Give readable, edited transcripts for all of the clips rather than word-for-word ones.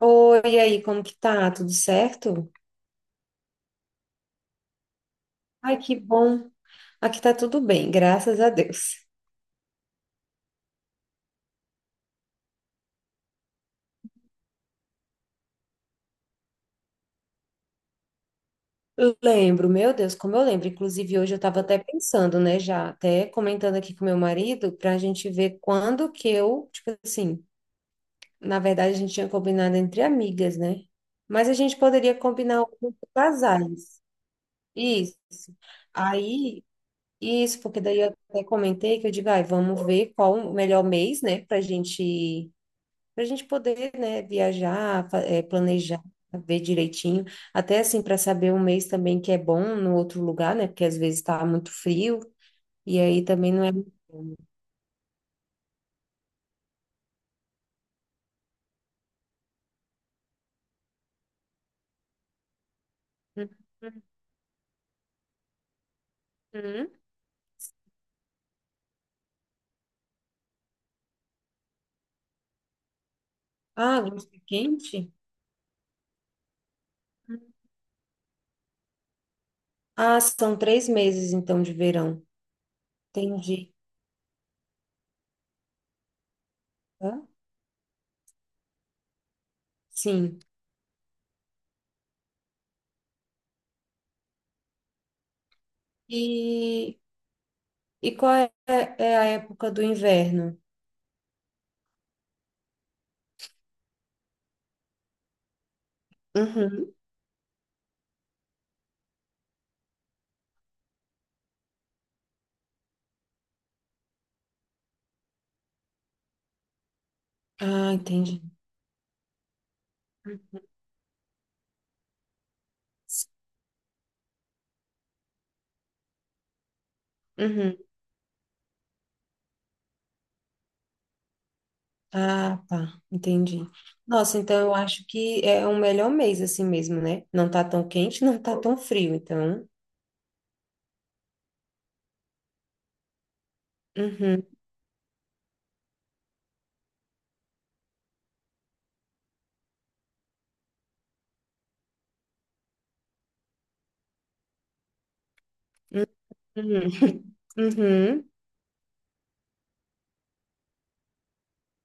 Oi, e aí, como que tá? Tudo certo? Ai, que bom. Aqui tá tudo bem, graças a Deus. Eu lembro, meu Deus, como eu lembro. Inclusive, hoje eu estava até pensando, né, já até comentando aqui com meu marido, para a gente ver quando que eu, tipo assim, na verdade a gente tinha combinado entre amigas, né? Mas a gente poderia combinar algo com casais. Isso. Aí, isso, porque daí eu até comentei que eu digo, ai, vamos ver qual o melhor mês, né, pra gente para a gente poder, né, viajar, planejar, ver direitinho, até assim para saber um mês também que é bom no outro lugar, né, porque às vezes está muito frio e aí também não é. Uhum. Ah, agosto é quente? Ah, são três meses então de verão. Entendi. Hã? Sim. E, e qual é, é a época do inverno? Uhum. Ah, entendi. Uhum. Ah, tá, entendi. Nossa, então eu acho que é o melhor mês assim mesmo, né? Não tá tão quente, não tá tão frio, então. Uhum, uhum, uhum.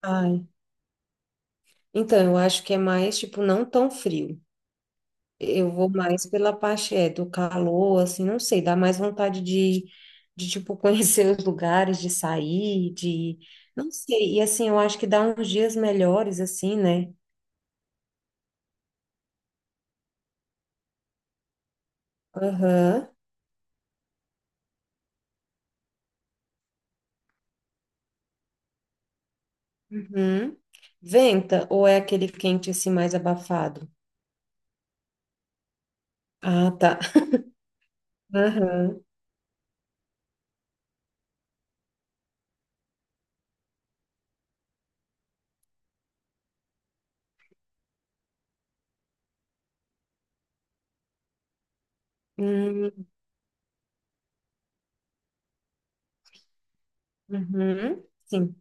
Ai. Então, eu acho que é mais, tipo, não tão frio. Eu vou mais pela parte, é, do calor, assim, não sei, dá mais vontade de, tipo, conhecer os lugares, de sair, de... Não sei, e assim, eu acho que dá uns dias melhores, assim, né? Aham. Uhum. Venta ou é aquele quente assim mais abafado? Ah, tá. Aham. Hum, uhum. Sim.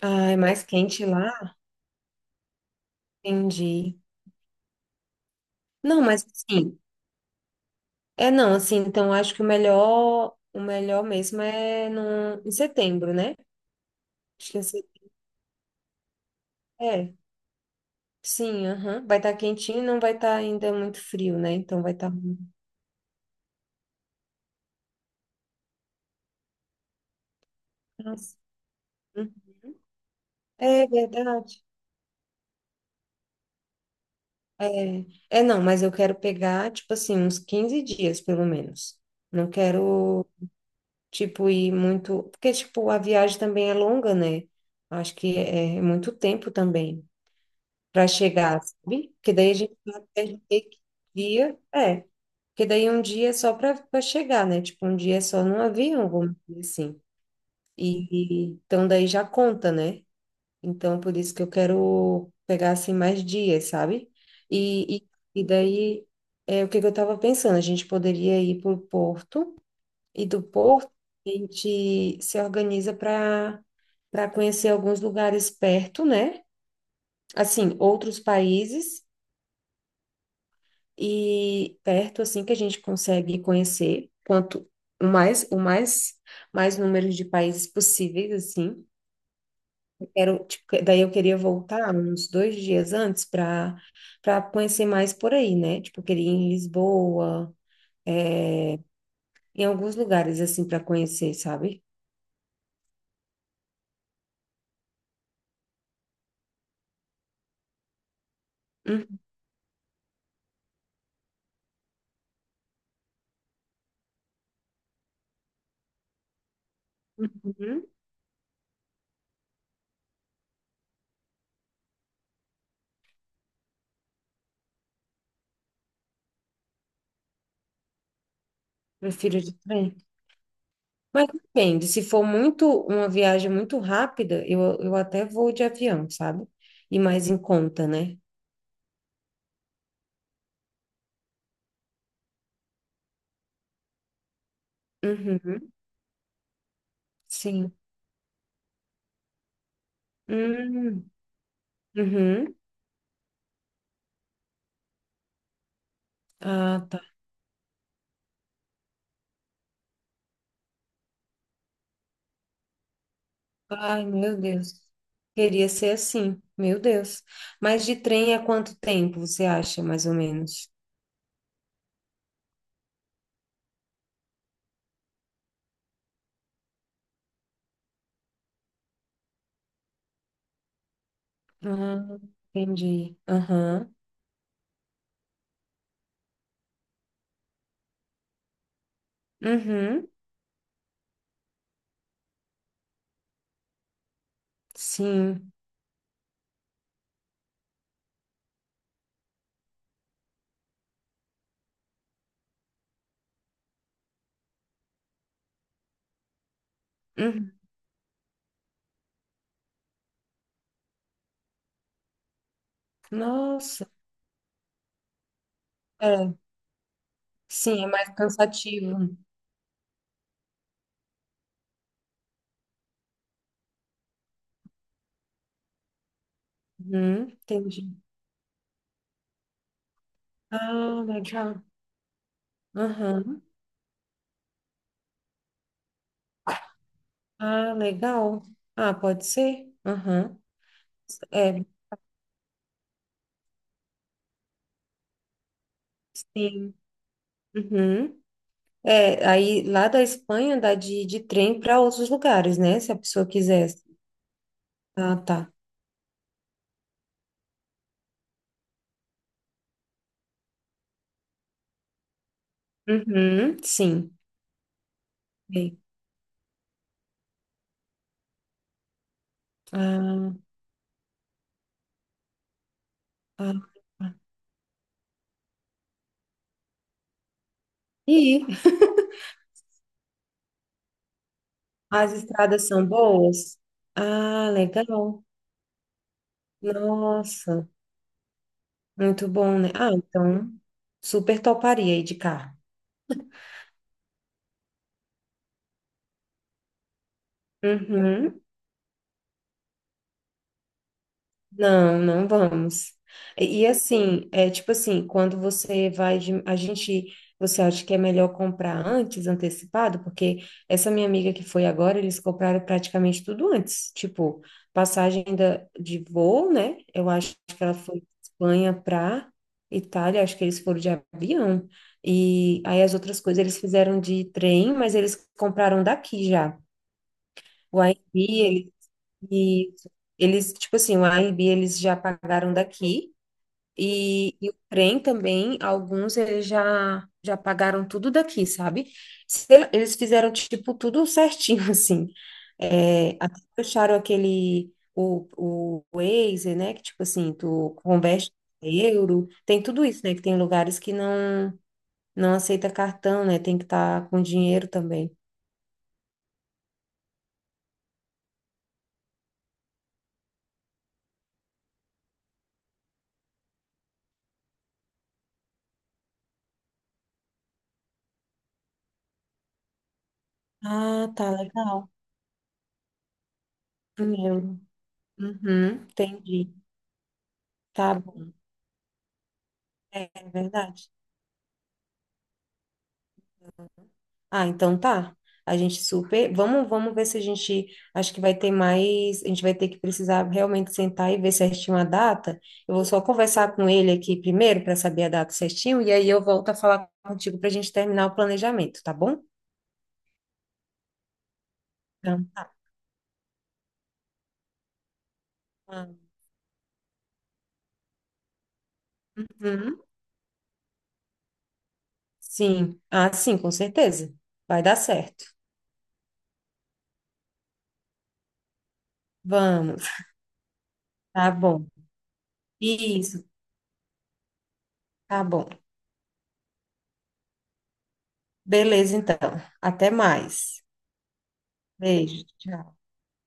Ah, é mais quente lá? Entendi. Não, mas assim, é não, assim, então acho que o melhor mesmo é no, em setembro, né? Acho que é, se- é. Sim, aham. Vai estar quentinho e não vai estar ainda muito frio, né? Então vai estar. Nossa. É verdade. É, é não, mas eu quero pegar, tipo assim, uns 15 dias, pelo menos. Não quero, tipo, ir muito. Porque, tipo, a viagem também é longa, né? Acho que é muito tempo também para chegar, sabe? Porque daí a gente vai até que dia. É. Porque daí um dia é só para chegar, né? Tipo, um dia é só no avião, vamos dizer assim. Então daí já conta, né? Então, por isso que eu quero pegar assim mais dias, sabe? E, e, daí, é, o que que eu estava pensando? A gente poderia ir para o Porto, e do Porto a gente se organiza para para conhecer alguns lugares perto, né? Assim, outros países e perto, assim, que a gente consegue conhecer quanto mais o mais mais números de países possíveis, assim. Quero, tipo, que- daí eu queria voltar uns 2 dias antes para para conhecer mais por aí, né? Tipo, eu queria ir em Lisboa, é, em alguns lugares assim para conhecer, sabe? Uhum. Prefiro de trem. Mas depende, se for muito uma viagem muito rápida, eu até vou de avião, sabe? E mais em conta, né? Uhum. Sim. Hum, uhum. Ah, tá. Ai, meu Deus. Queria ser assim, meu Deus. Mas de trem é quanto tempo você acha, mais ou menos? Ah, entendi. Aham. Uhum. Sim. Uhum. Nossa. É. Sim, é mais cansativo. Uhum. Entendi. Ah, legal. Aham. Ah, legal. Ah, pode ser? Aham. É, sim. Uhum. É, aí lá da Espanha dá de trem para outros lugares, né? Se a pessoa quiser. Ah, tá. Uhum, sim. Ei, ah, ah, ah. E as estradas são boas? Ah, legal. Nossa, muito bom, né? Ah, então, super toparia ir de carro. Uhum. Não, não vamos. E assim, é tipo assim, quando você vai de, a gente, você acha que é melhor comprar antes, antecipado? Porque essa minha amiga que foi agora, eles compraram praticamente tudo antes, tipo, passagem da, de voo, né? Eu acho que ela foi de Espanha para Itália, acho que eles foram de avião. E aí as outras coisas eles fizeram de trem, mas eles compraram daqui já. O Airbnb, e eles, tipo assim, o Airbnb eles já pagaram daqui e o trem também, alguns eles já pagaram tudo daqui, sabe? Se- eles fizeram tipo tudo certinho assim. É, até fecharam aquele o Waze, né, que tipo assim, tu converte em euro, tem tudo isso, né, que tem lugares que não aceita cartão, né? Tem que estar com dinheiro também. Ah, tá legal. Em euro. Uhum, entendi. Tá bom. É verdade. Ah, então tá. A gente super. Vamos, vamos ver se a gente. Acho que vai ter mais. A gente vai ter que precisar realmente sentar e ver certinho a data. Eu vou só conversar com ele aqui primeiro para saber a data certinho e aí eu volto a falar contigo para a gente terminar o planejamento, tá bom? Então tá. Ah, uhum. Sim. Ah, sim, com certeza. Vai dar certo. Vamos. Tá bom. Isso. Tá bom. Beleza, então. Até mais. Beijo. Tchau.